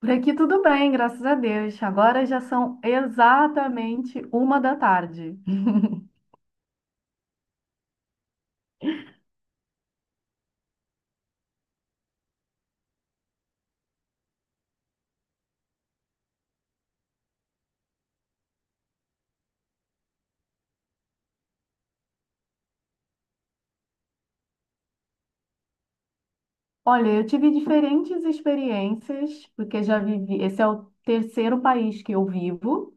Por aqui tudo bem, graças a Deus. Agora já são exatamente uma da tarde. Olha, eu tive diferentes experiências, porque já vivi. Esse é o terceiro país que eu vivo,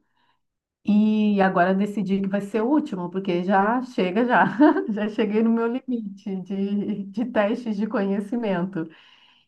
e agora eu decidi que vai ser o último, porque já chega já. Já cheguei no meu limite de testes de conhecimento.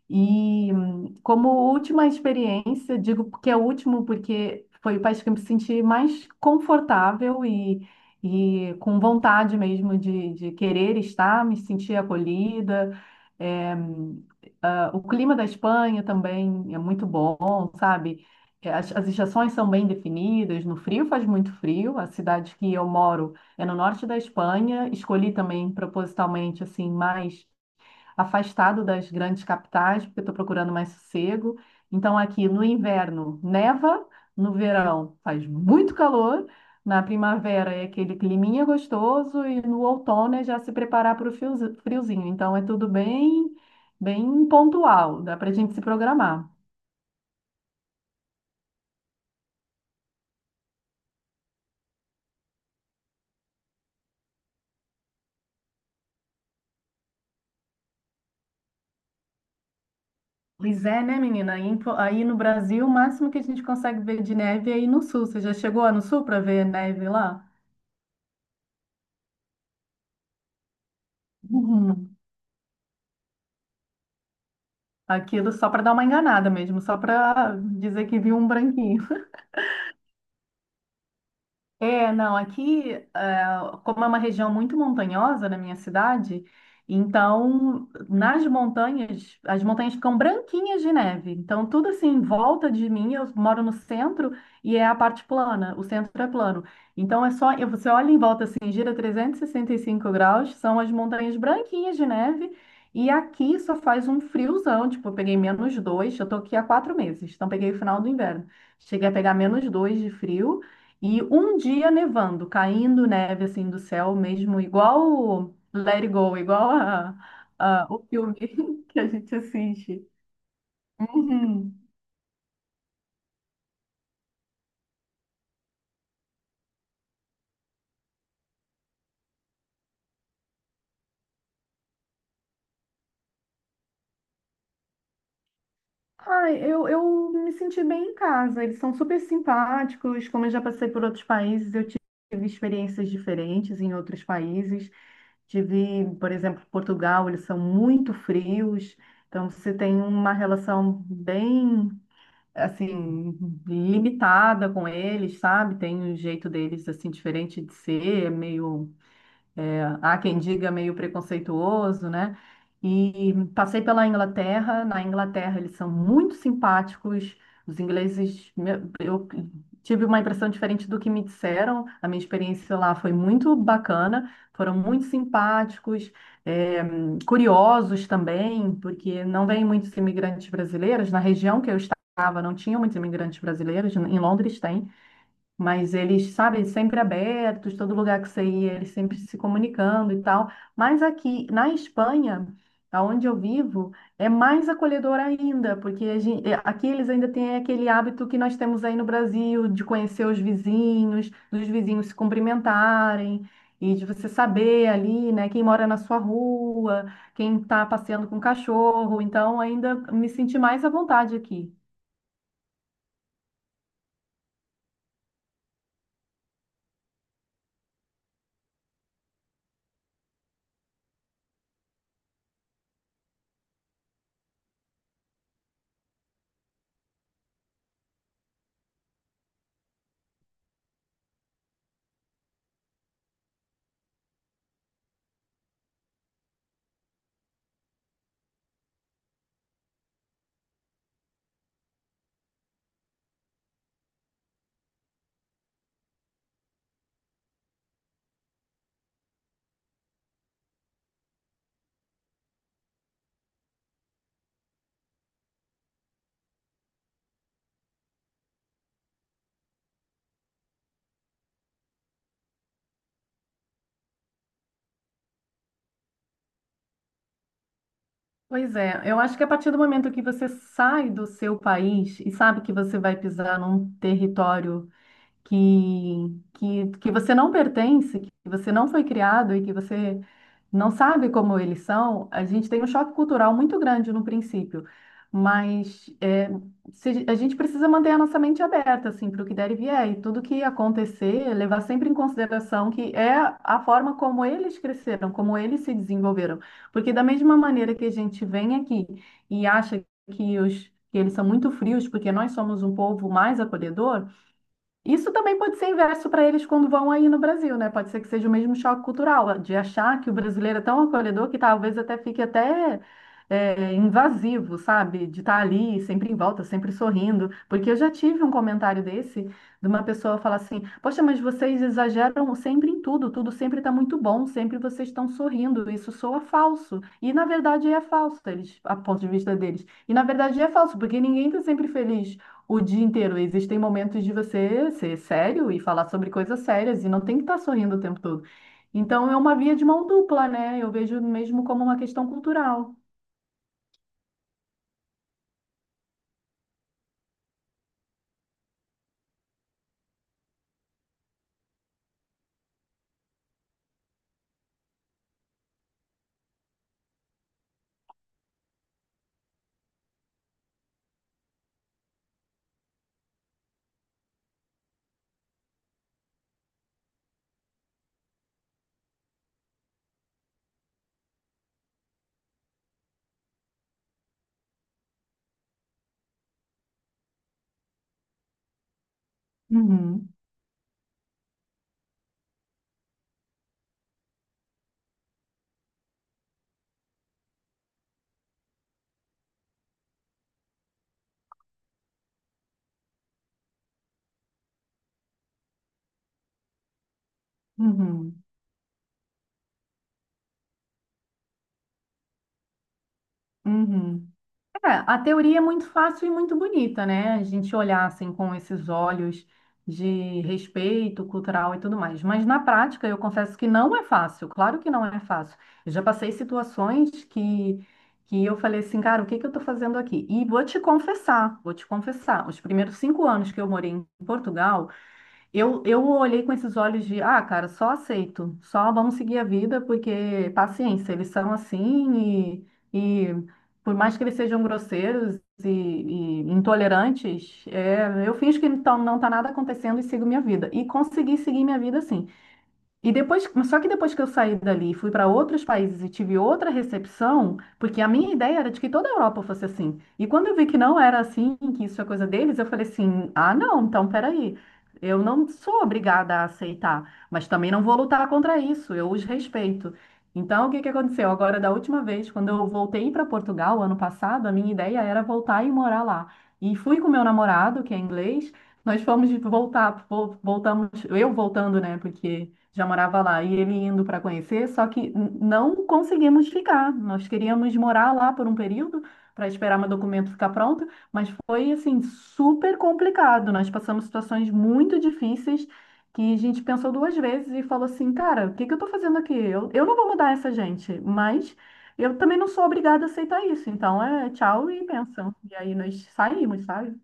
E como última experiência, digo que é o último porque foi o país que eu me senti mais confortável e com vontade mesmo de querer estar, me sentir acolhida. É, o clima da Espanha também é muito bom, sabe? É, as estações são bem definidas, no frio faz muito frio, a cidade que eu moro é no norte da Espanha, escolhi também propositalmente assim mais afastado das grandes capitais, porque estou procurando mais sossego. Então, aqui no inverno neva, no verão faz muito calor, na primavera é aquele climinha gostoso e no outono é já se preparar para o friozinho. Então, é tudo bem, bem pontual, dá para a gente se programar. Pois é, né, menina? Aí no Brasil, o máximo que a gente consegue ver de neve é aí no sul. Você já chegou lá no sul para ver neve lá? Uhum. Aquilo só para dar uma enganada mesmo, só para dizer que viu um branquinho. É, não, aqui, eh, como é uma região muito montanhosa na minha cidade, então nas montanhas, as montanhas ficam branquinhas de neve. Então, tudo assim em volta de mim, eu moro no centro e é a parte plana, o centro é plano. Então, é só, você olha em volta assim, gira 365 graus, são as montanhas branquinhas de neve. E aqui só faz um friozão, tipo, eu peguei -2, eu tô aqui há 4 meses, então peguei o final do inverno. Cheguei a pegar -2 de frio. E um dia nevando, caindo neve assim do céu mesmo, igual o Let It Go, igual o filme que a gente assiste. Uhum. Ai, eu me senti bem em casa. Eles são super simpáticos. Como eu já passei por outros países, eu tive experiências diferentes em outros países. Tive, por exemplo, Portugal, eles são muito frios. Então, você tem uma relação bem assim, limitada com eles, sabe? Tem um jeito deles, assim, diferente de ser, é meio. É, há quem diga meio preconceituoso, né? E passei pela Inglaterra. Na Inglaterra, eles são muito simpáticos. Os ingleses, eu tive uma impressão diferente do que me disseram. A minha experiência lá foi muito bacana. Foram muito simpáticos, é, curiosos também, porque não vêm muitos imigrantes brasileiros. Na região que eu estava, não tinham muitos imigrantes brasileiros. Em Londres tem. Mas eles, sabe, sempre abertos, todo lugar que você ia, eles sempre se comunicando e tal. Mas aqui na Espanha, aonde eu vivo, é mais acolhedor ainda, porque é, aqui eles ainda têm aquele hábito que nós temos aí no Brasil, de conhecer os vizinhos, dos vizinhos se cumprimentarem, e de você saber ali, né, quem mora na sua rua, quem está passeando com o cachorro. Então, ainda me senti mais à vontade aqui. Pois é, eu acho que a partir do momento que você sai do seu país e sabe que você vai pisar num território que você não pertence, que você não foi criado e que você não sabe como eles são, a gente tem um choque cultural muito grande no princípio. Mas é, a gente precisa manter a nossa mente aberta assim, para o que der e vier, e tudo que acontecer, levar sempre em consideração que é a forma como eles cresceram, como eles se desenvolveram. Porque da mesma maneira que a gente vem aqui e acha que eles são muito frios, porque nós somos um povo mais acolhedor, isso também pode ser inverso para eles quando vão aí no Brasil, né? Pode ser que seja o mesmo choque cultural, de achar que o brasileiro é tão acolhedor que talvez até fique até invasivo, sabe? De estar ali, sempre em volta, sempre sorrindo. Porque eu já tive um comentário desse, de uma pessoa falar assim: Poxa, mas vocês exageram sempre em tudo, tudo sempre está muito bom, sempre vocês estão sorrindo, isso soa falso. E na verdade é falso, eles, a ponto de vista deles. E na verdade é falso, porque ninguém está sempre feliz o dia inteiro. Existem momentos de você ser sério e falar sobre coisas sérias e não tem que estar sorrindo o tempo todo. Então é uma via de mão dupla, né? Eu vejo mesmo como uma questão cultural. Uhum, uhum, uhum. É, a teoria é muito fácil e muito bonita, né? A gente olhar assim com esses olhos de respeito cultural e tudo mais. Mas na prática, eu confesso que não é fácil. Claro que não é fácil. Eu já passei situações que eu falei assim, cara, o que que eu tô fazendo aqui? E vou te confessar. Os primeiros 5 anos que eu morei em Portugal, eu olhei com esses olhos de, ah, cara, só aceito, só vamos seguir a vida, porque paciência, eles são assim e por mais que eles sejam grosseiros e intolerantes, é, eu finjo que então não está nada acontecendo e sigo minha vida. E consegui seguir minha vida assim. E depois, só que depois que eu saí dali, e fui para outros países e tive outra recepção, porque a minha ideia era de que toda a Europa fosse assim. E quando eu vi que não era assim, que isso é coisa deles, eu falei assim: ah, não, então peraí. Eu não sou obrigada a aceitar, mas também não vou lutar contra isso, eu os respeito. Então, o que que aconteceu? Agora, da última vez, quando eu voltei para Portugal, ano passado, a minha ideia era voltar e morar lá. E fui com meu namorado, que é inglês, nós fomos voltar, voltamos, eu voltando, né, porque já morava lá, e ele indo para conhecer, só que não conseguimos ficar. Nós queríamos morar lá por um período para esperar meu documento ficar pronto, mas foi assim super complicado. Nós passamos situações muito difíceis que a gente pensou duas vezes e falou assim, cara, o que que eu tô fazendo aqui? Eu não vou mudar essa gente, mas eu também não sou obrigada a aceitar isso. Então é tchau e benção. E aí nós saímos, sabe?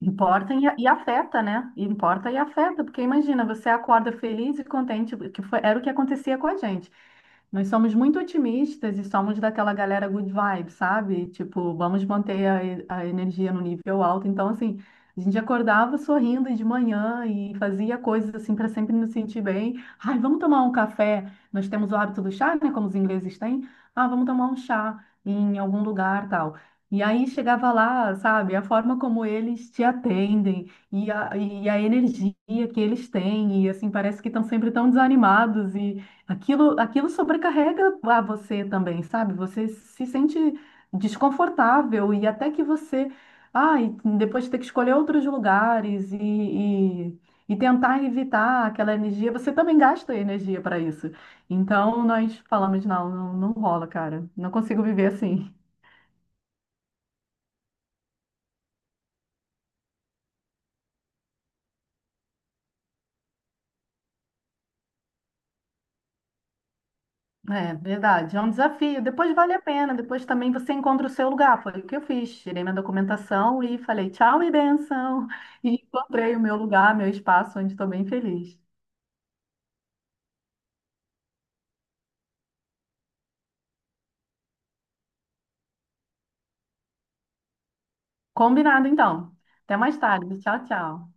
Importa e afeta, né? Importa e afeta, porque imagina, você acorda feliz e contente, que foi, era o que acontecia com a gente. Nós somos muito otimistas e somos daquela galera good vibe, sabe? Tipo, vamos manter a energia no nível alto. Então, assim, a gente acordava sorrindo de manhã e fazia coisas assim para sempre nos sentir bem. Ai, vamos tomar um café. Nós temos o hábito do chá, né? Como os ingleses têm. Ah, vamos tomar um chá em algum lugar, tal. E aí chegava lá, sabe? A forma como eles te atendem e a energia que eles têm. E assim, parece que estão sempre tão desanimados. Aquilo sobrecarrega a você também, sabe? Você se sente desconfortável e até que você, ai, depois ter que escolher outros lugares e tentar evitar aquela energia, você também gasta energia para isso. Então nós falamos, não, não, não rola, cara. Não consigo viver assim. É verdade, é um desafio. Depois vale a pena, depois também você encontra o seu lugar. Foi o que eu fiz. Tirei minha documentação e falei tchau e benção. E encontrei o meu lugar, meu espaço, onde estou bem feliz. Combinado, então. Até mais tarde. Tchau, tchau.